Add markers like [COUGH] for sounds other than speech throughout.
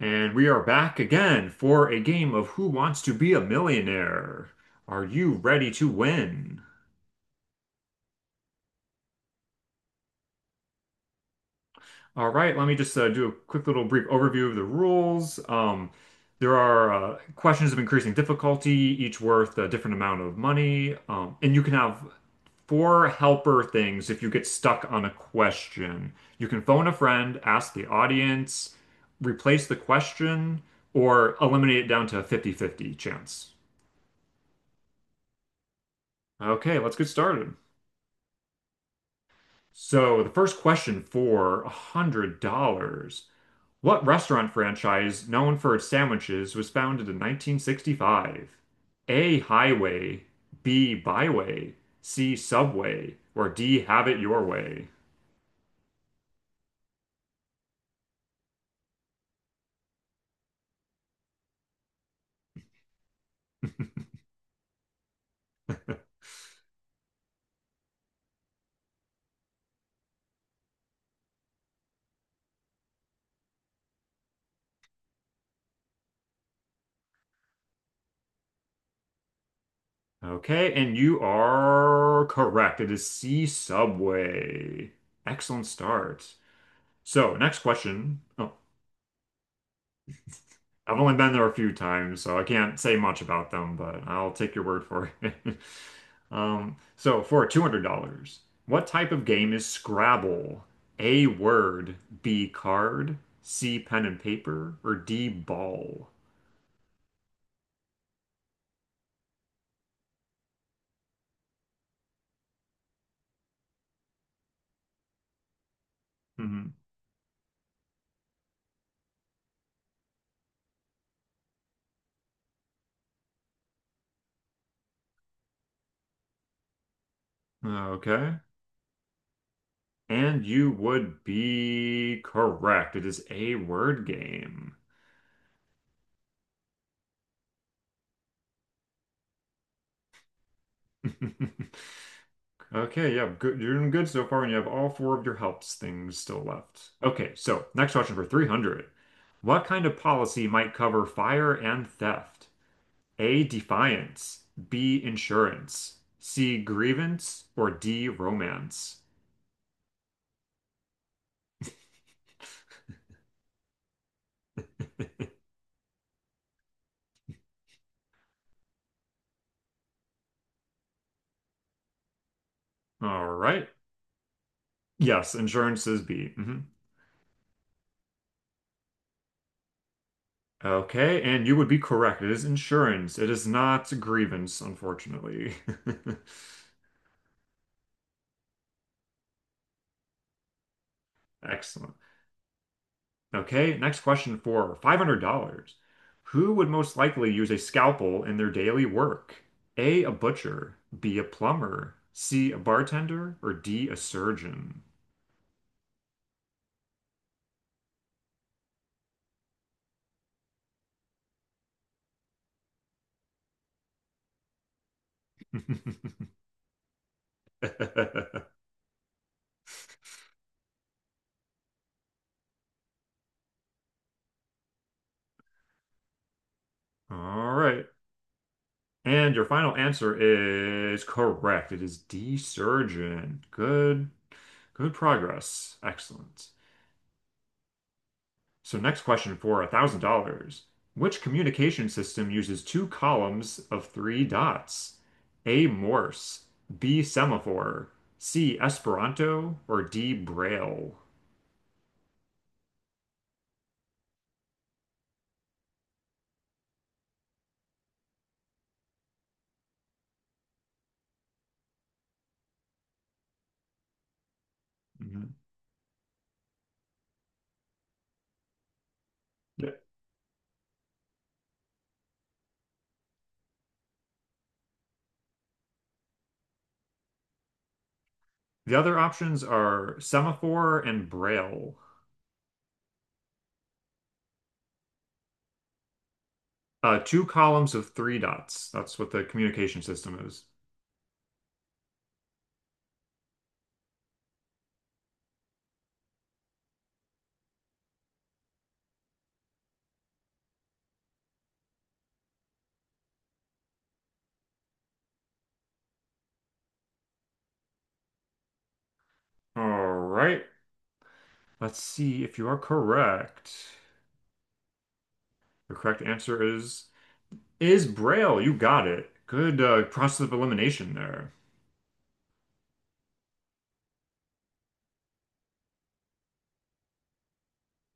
And we are back again for a game of Who Wants to Be a Millionaire? Are you ready to win? All right, let me just do a quick little brief overview of the rules. There are questions of increasing difficulty, each worth a different amount of money. And you can have four helper things if you get stuck on a question. You can phone a friend, ask the audience, replace the question, or eliminate it down to a 50-50 chance. Okay, let's get started. So the first question for $100. What restaurant franchise known for its sandwiches was founded in 1965? A. Highway, B. Byway, C. Subway, or D. Have It Your Way? [LAUGHS] Okay, and you are correct. It is C Subway. Excellent start. So, next question. Oh, I've only been there a few times, so I can't say much about them, but I'll take your word for it. [LAUGHS] So for $200, what type of game is Scrabble? A word, B card, C pen and paper, or D ball? Hmm. Okay. And you would be correct. It is a word game. [LAUGHS] Okay, yeah, good. You're doing good so far, and you have all four of your helps things still left. Okay, so next question for 300. What kind of policy might cover fire and theft? A. Defiance. B. Insurance. C. Grievance. Or D. Romance. All right. Yes, insurance is B. Mhm. Okay, and you would be correct. It is insurance. It is not grievance, unfortunately. [LAUGHS] Excellent. Okay, next question for $500. Who would most likely use a scalpel in their daily work? A. A butcher. B. A plumber. C. A bartender. Or D. A surgeon. [LAUGHS] All right. And your final answer is correct. It is D, surgeon. Good, good progress. Excellent. So next question for $1,000. Which communication system uses two columns of three dots? A, Morse, B, semaphore, C, Esperanto, or D, Braille? Mhm. The the other options are semaphore and Braille. Two columns of three dots. That's what the communication system is. All right. Let's see if you are correct. The correct answer is Braille. You got it. Good process of elimination there.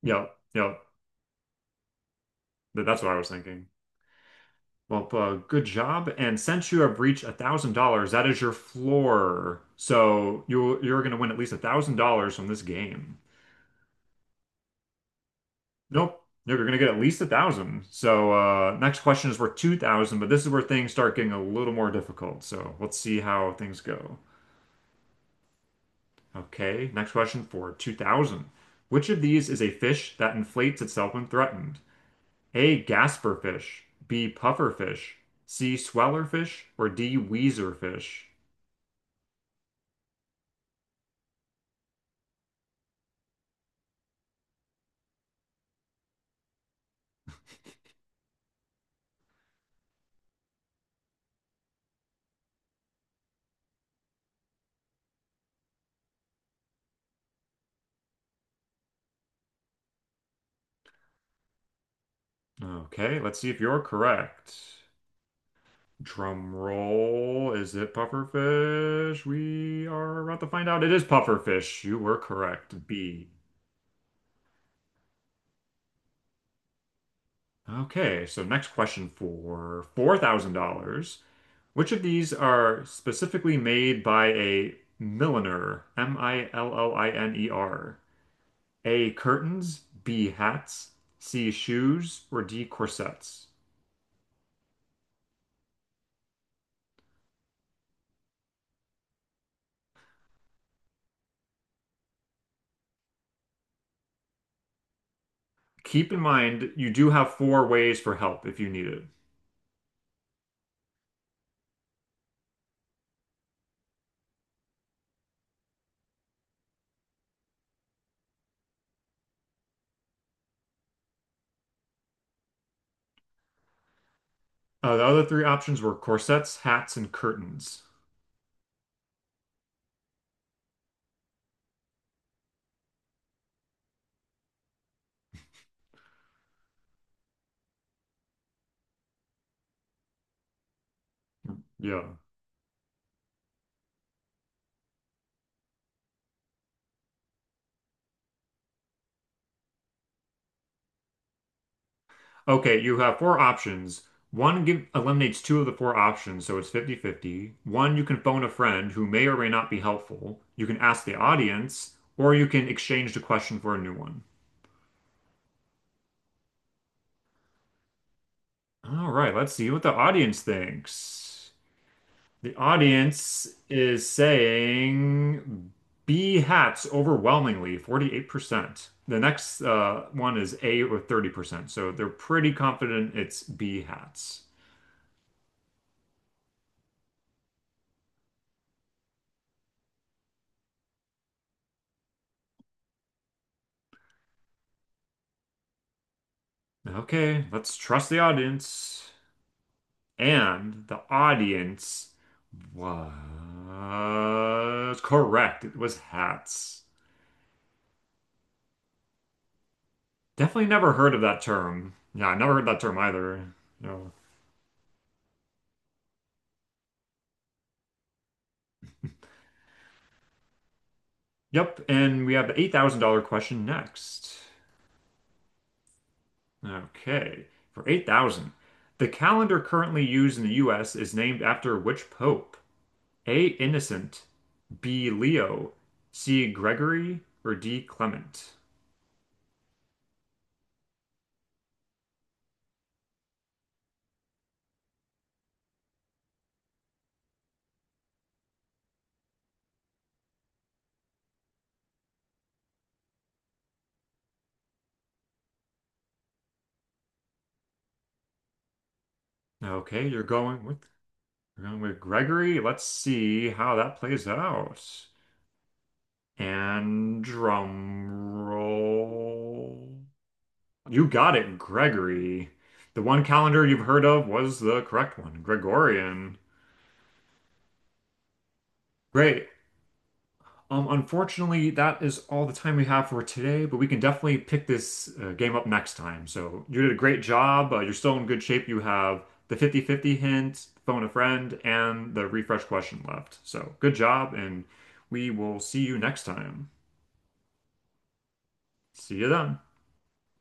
Yep, yep. That's what I was thinking. Well, good job. And since you have reached $1,000, that is your floor. So you're gonna win at least $1,000 from this game. Nope. No, you're gonna get at least a thousand. So next question is worth 2,000, but this is where things start getting a little more difficult. So let's see how things go. Okay, next question for 2000. Which of these is a fish that inflates itself when threatened? A. Gasper fish, B. Puffer fish, C. Sweller fish, or D. Weezer fish? Okay, let's see if you're correct. Drum roll. Is it pufferfish? We are about to find out. It is pufferfish. You were correct. B. Okay, so next question for $4,000. Which of these are specifically made by a milliner? M-I-L-L-I-N-E-R. A. Curtains, B. Hats, C. Shoes, or D. Corsets. Keep in mind, you do have four ways for help if you need it. The other three options were corsets, hats, and curtains. Yeah. Okay, you have four options. One give, eliminates two of the four options, so it's 50-50. One, you can phone a friend who may or may not be helpful. You can ask the audience, or you can exchange the question for a new one. All right, let's see what the audience thinks. The audience is saying B hats overwhelmingly, 48%. The next one is A with 30%, so they're pretty confident it's B hats. Okay, let's trust the audience. And the audience was correct. It was hats. Definitely never heard of that term. Yeah, I never heard that term either. No. Yep, and we have the $8,000 question next. Okay, for 8,000. The calendar currently used in the US is named after which pope? A. Innocent, B. Leo, C. Gregory, or D. Clement? Okay, you're going with... We're going with Gregory. Let's see how that plays out. And drum roll. You got it, Gregory. The one calendar you've heard of was the correct one, Gregorian. Great. Unfortunately, that is all the time we have for today, but we can definitely pick this game up next time. So you did a great job. You're still in good shape. You have the 50-50 hint, phone a friend, and the refresh question left. So good job, and we will see you next time. See you then.